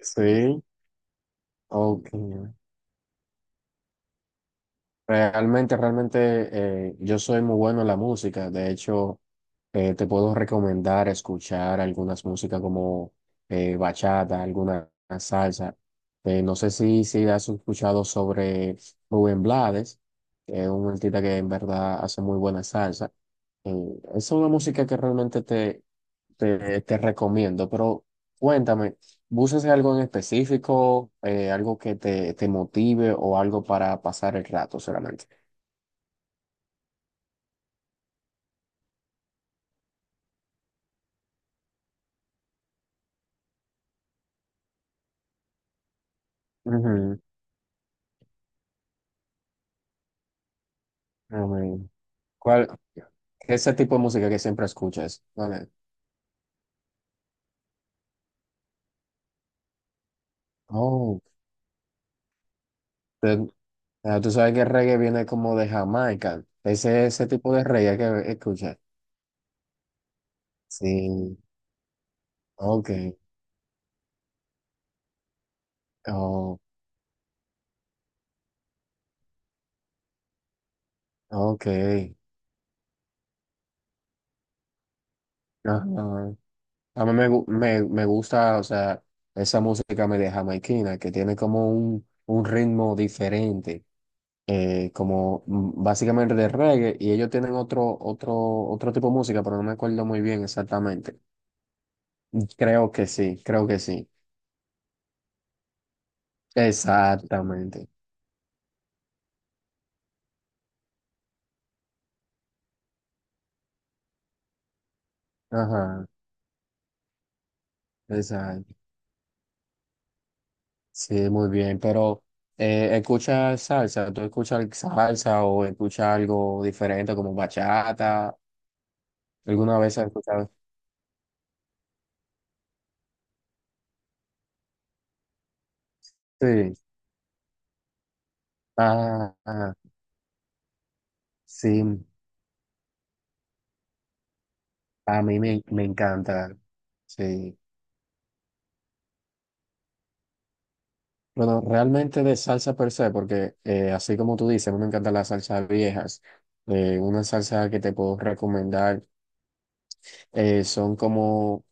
Sí, ok. Realmente, yo soy muy bueno en la música. De hecho, te puedo recomendar escuchar algunas músicas como bachata, alguna salsa. No sé si has escuchado sobre Rubén Blades, que es un artista que en verdad hace muy buena salsa. Mm, es una música que realmente te recomiendo, pero cuéntame, ¿buscas algo en específico, algo que te motive o algo para pasar el rato solamente? Ujú, amén. ¿Cuál, ese tipo de música que siempre escuchas? ¿Cuál es? Oh, te- ah, tú sabes que el reggae viene como de Jamaica, ese tipo de reggae que escuchas. Sí, ok, oh, ok, ajá. A mí me gusta, o sea, esa música media jamaiquina que tiene como un ritmo diferente, como básicamente de reggae, y ellos tienen otro tipo de música, pero no me acuerdo muy bien exactamente. Creo que sí, creo que sí. Exactamente. Ajá, exacto. Sí, muy bien, pero escucha salsa, ¿tú escuchas salsa o escuchas algo diferente como bachata? ¿Alguna vez has escuchado? Sí. Ah, ah, sí, a mí me encanta. Sí. Bueno, realmente de salsa per se, porque así como tú dices, a mí me encantan las salsas viejas. Una salsa que te puedo recomendar son como,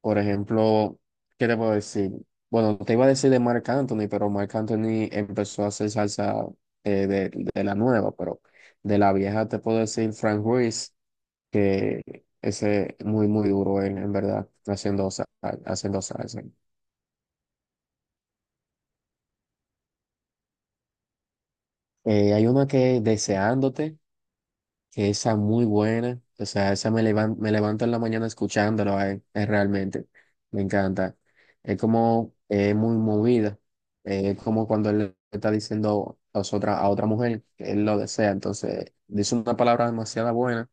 por ejemplo, ¿qué te puedo decir? Bueno, te iba a decir de Marc Anthony, pero Marc Anthony empezó a hacer salsa de la nueva, pero de la vieja te puedo decir Frank Ruiz. Que ese muy, muy duro en verdad, haciendo salsa. Hay una que Deseándote, que esa muy buena, o sea, me levanto en la mañana escuchándolo, es realmente, me encanta. Es como muy movida, es como cuando él le está diciendo a otra mujer que él lo desea, entonces dice una palabra demasiado buena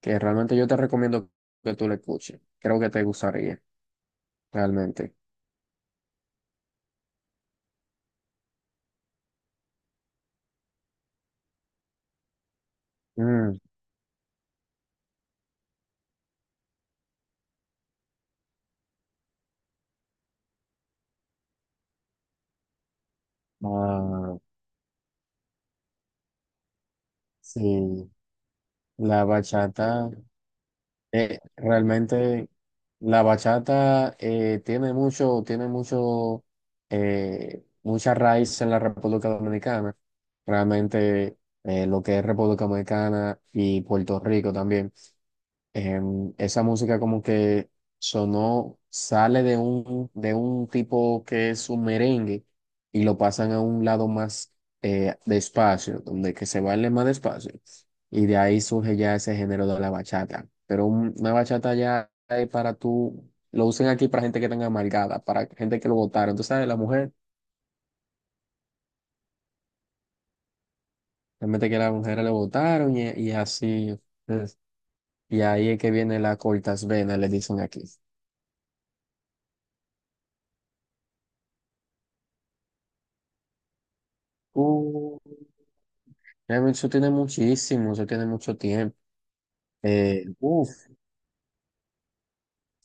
que realmente yo te recomiendo que tú la escuches, creo que te gustaría, realmente. Mm, ah, sí, la bachata, eh, realmente la bachata tiene mucho, mucha raíz en la República Dominicana. Realmente lo que es República Dominicana y Puerto Rico también esa música como que sonó, sale de un tipo que es un merengue y lo pasan a un lado más despacio, donde que se baile más despacio. Y de ahí surge ya ese género de la bachata. Pero una bachata ya es para tú, lo usan aquí para gente que tenga amargada, para gente que lo votaron. Tú sabes, la mujer, realmente que las mujeres lo votaron y así. Es. Y ahí es que viene la cortas venas, le dicen aquí. Realmente eso tiene muchísimo, eso tiene mucho tiempo. Uf,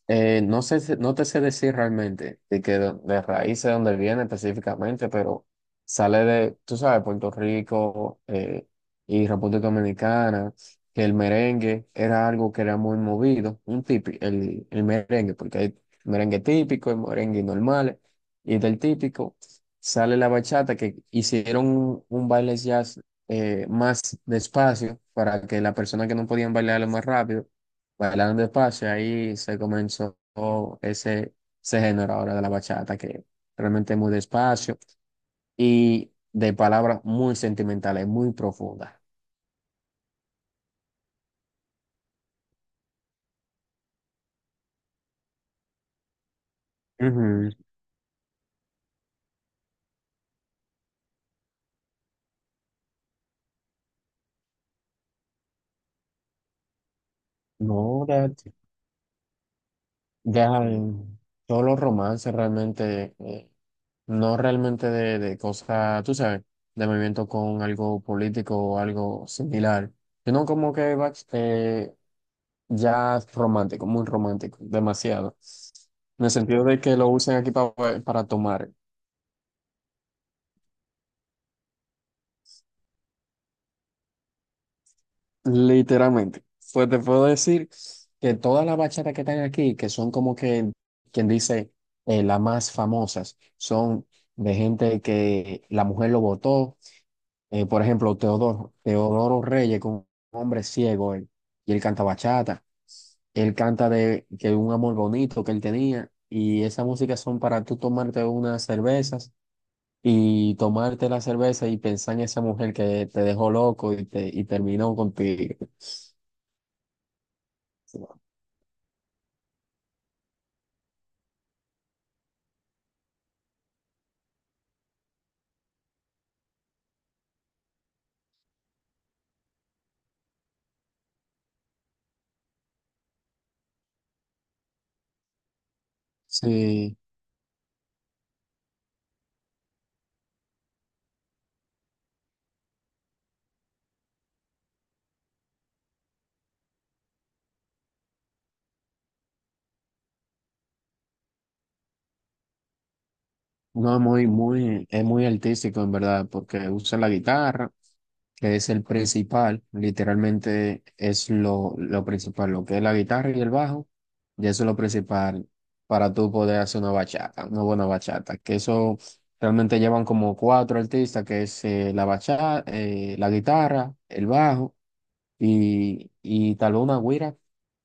no sé, no te sé decir realmente de que de raíz de dónde viene específicamente, pero sale de, tú sabes, Puerto Rico y República Dominicana, que el merengue era algo que era muy movido, un típico, el merengue, porque hay merengue típico y merengue normal, y del típico sale la bachata, que hicieron un baile jazz más despacio para que las personas que no podían bailarlo más rápido bailando despacio, ahí se comenzó ese, ese género ahora de la bachata, que realmente es muy despacio y de palabras muy sentimentales, muy profundas. Ujú. No, deja el- todos los romances realmente, no realmente de cosas, tú sabes, de movimiento con algo político o algo similar, sino como que va ya es romántico, muy romántico, demasiado. En el sentido de que lo usan aquí para tomar, literalmente. Pues te puedo decir que todas las bachatas que están aquí, que son como que, quien dice, las más famosas, son de gente que la mujer lo votó. Por ejemplo, Teodoro Reyes, con un hombre ciego, él, y él canta bachata. Él canta de que un amor bonito que él tenía, y esas músicas son para tú tomarte unas cervezas y tomarte la cerveza y pensar en esa mujer que te dejó loco y terminó contigo. Sí, no, es es muy artístico en verdad, porque usa la guitarra, que es el principal, literalmente es lo principal, lo que es la guitarra y el bajo, y eso es lo principal para tú poder hacer una bachata, una buena bachata, que eso realmente llevan como cuatro artistas, que es la bachata, la guitarra, el bajo y taluma Guira,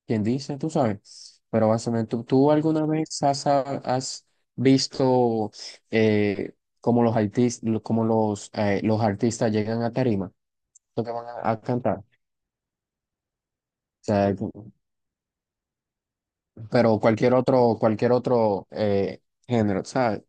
quien dice, tú sabes. Pero básicamente, ¿tú alguna vez has visto eh, cómo los artistas llegan a tarima, lo que van a cantar? O sea, pero cualquier otro género, ¿sabes?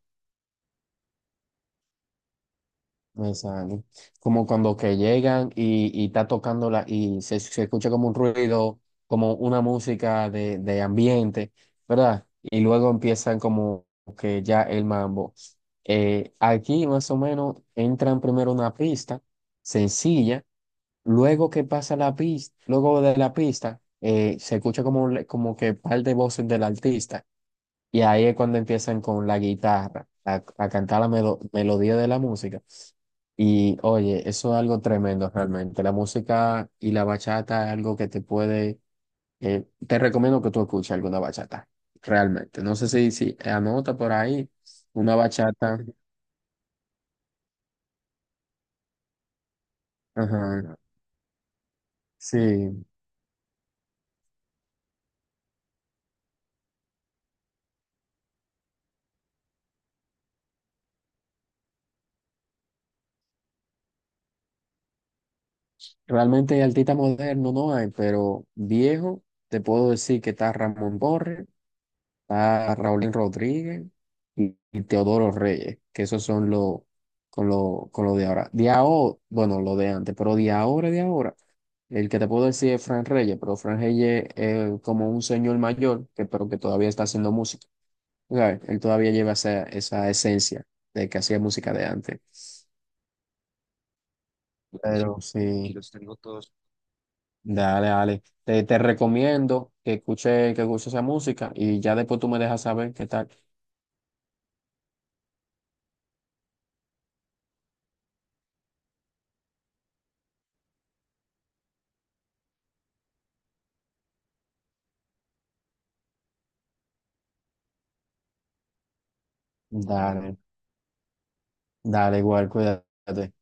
Exacto. Como cuando que llegan y está tocándola y se escucha como un ruido, como una música de ambiente, ¿verdad? Y luego empiezan como que ya el mambo. Aquí más o menos entran primero una pista sencilla, luego que pasa la pista, luego de la pista, se escucha como, como que par de voces del artista. Y ahí es cuando empiezan con la guitarra, a cantar la melodía de la música. Y oye, eso es algo tremendo realmente. La música y la bachata es algo que te puede... te recomiendo que tú escuches alguna bachata, realmente. No sé si anota por ahí una bachata. Ajá. Sí, realmente artista moderno no hay, pero viejo, te puedo decir que está Ramón Borges. Está Raúl Rodríguez y Teodoro Reyes, que esos son los con lo de ahora. De ahora, bueno, lo de antes, pero de ahora, de ahora. El que te puedo decir es Fran Reyes, pero Fran Reyes es como un señor mayor, que, pero que todavía está haciendo música. ¿Sabes? Él todavía lleva esa, esa esencia de que hacía música de antes. Pero sí. Dale, dale. Te recomiendo que escuche esa música y ya después tú me dejas saber qué tal. Dale. Dale, igual, cuídate.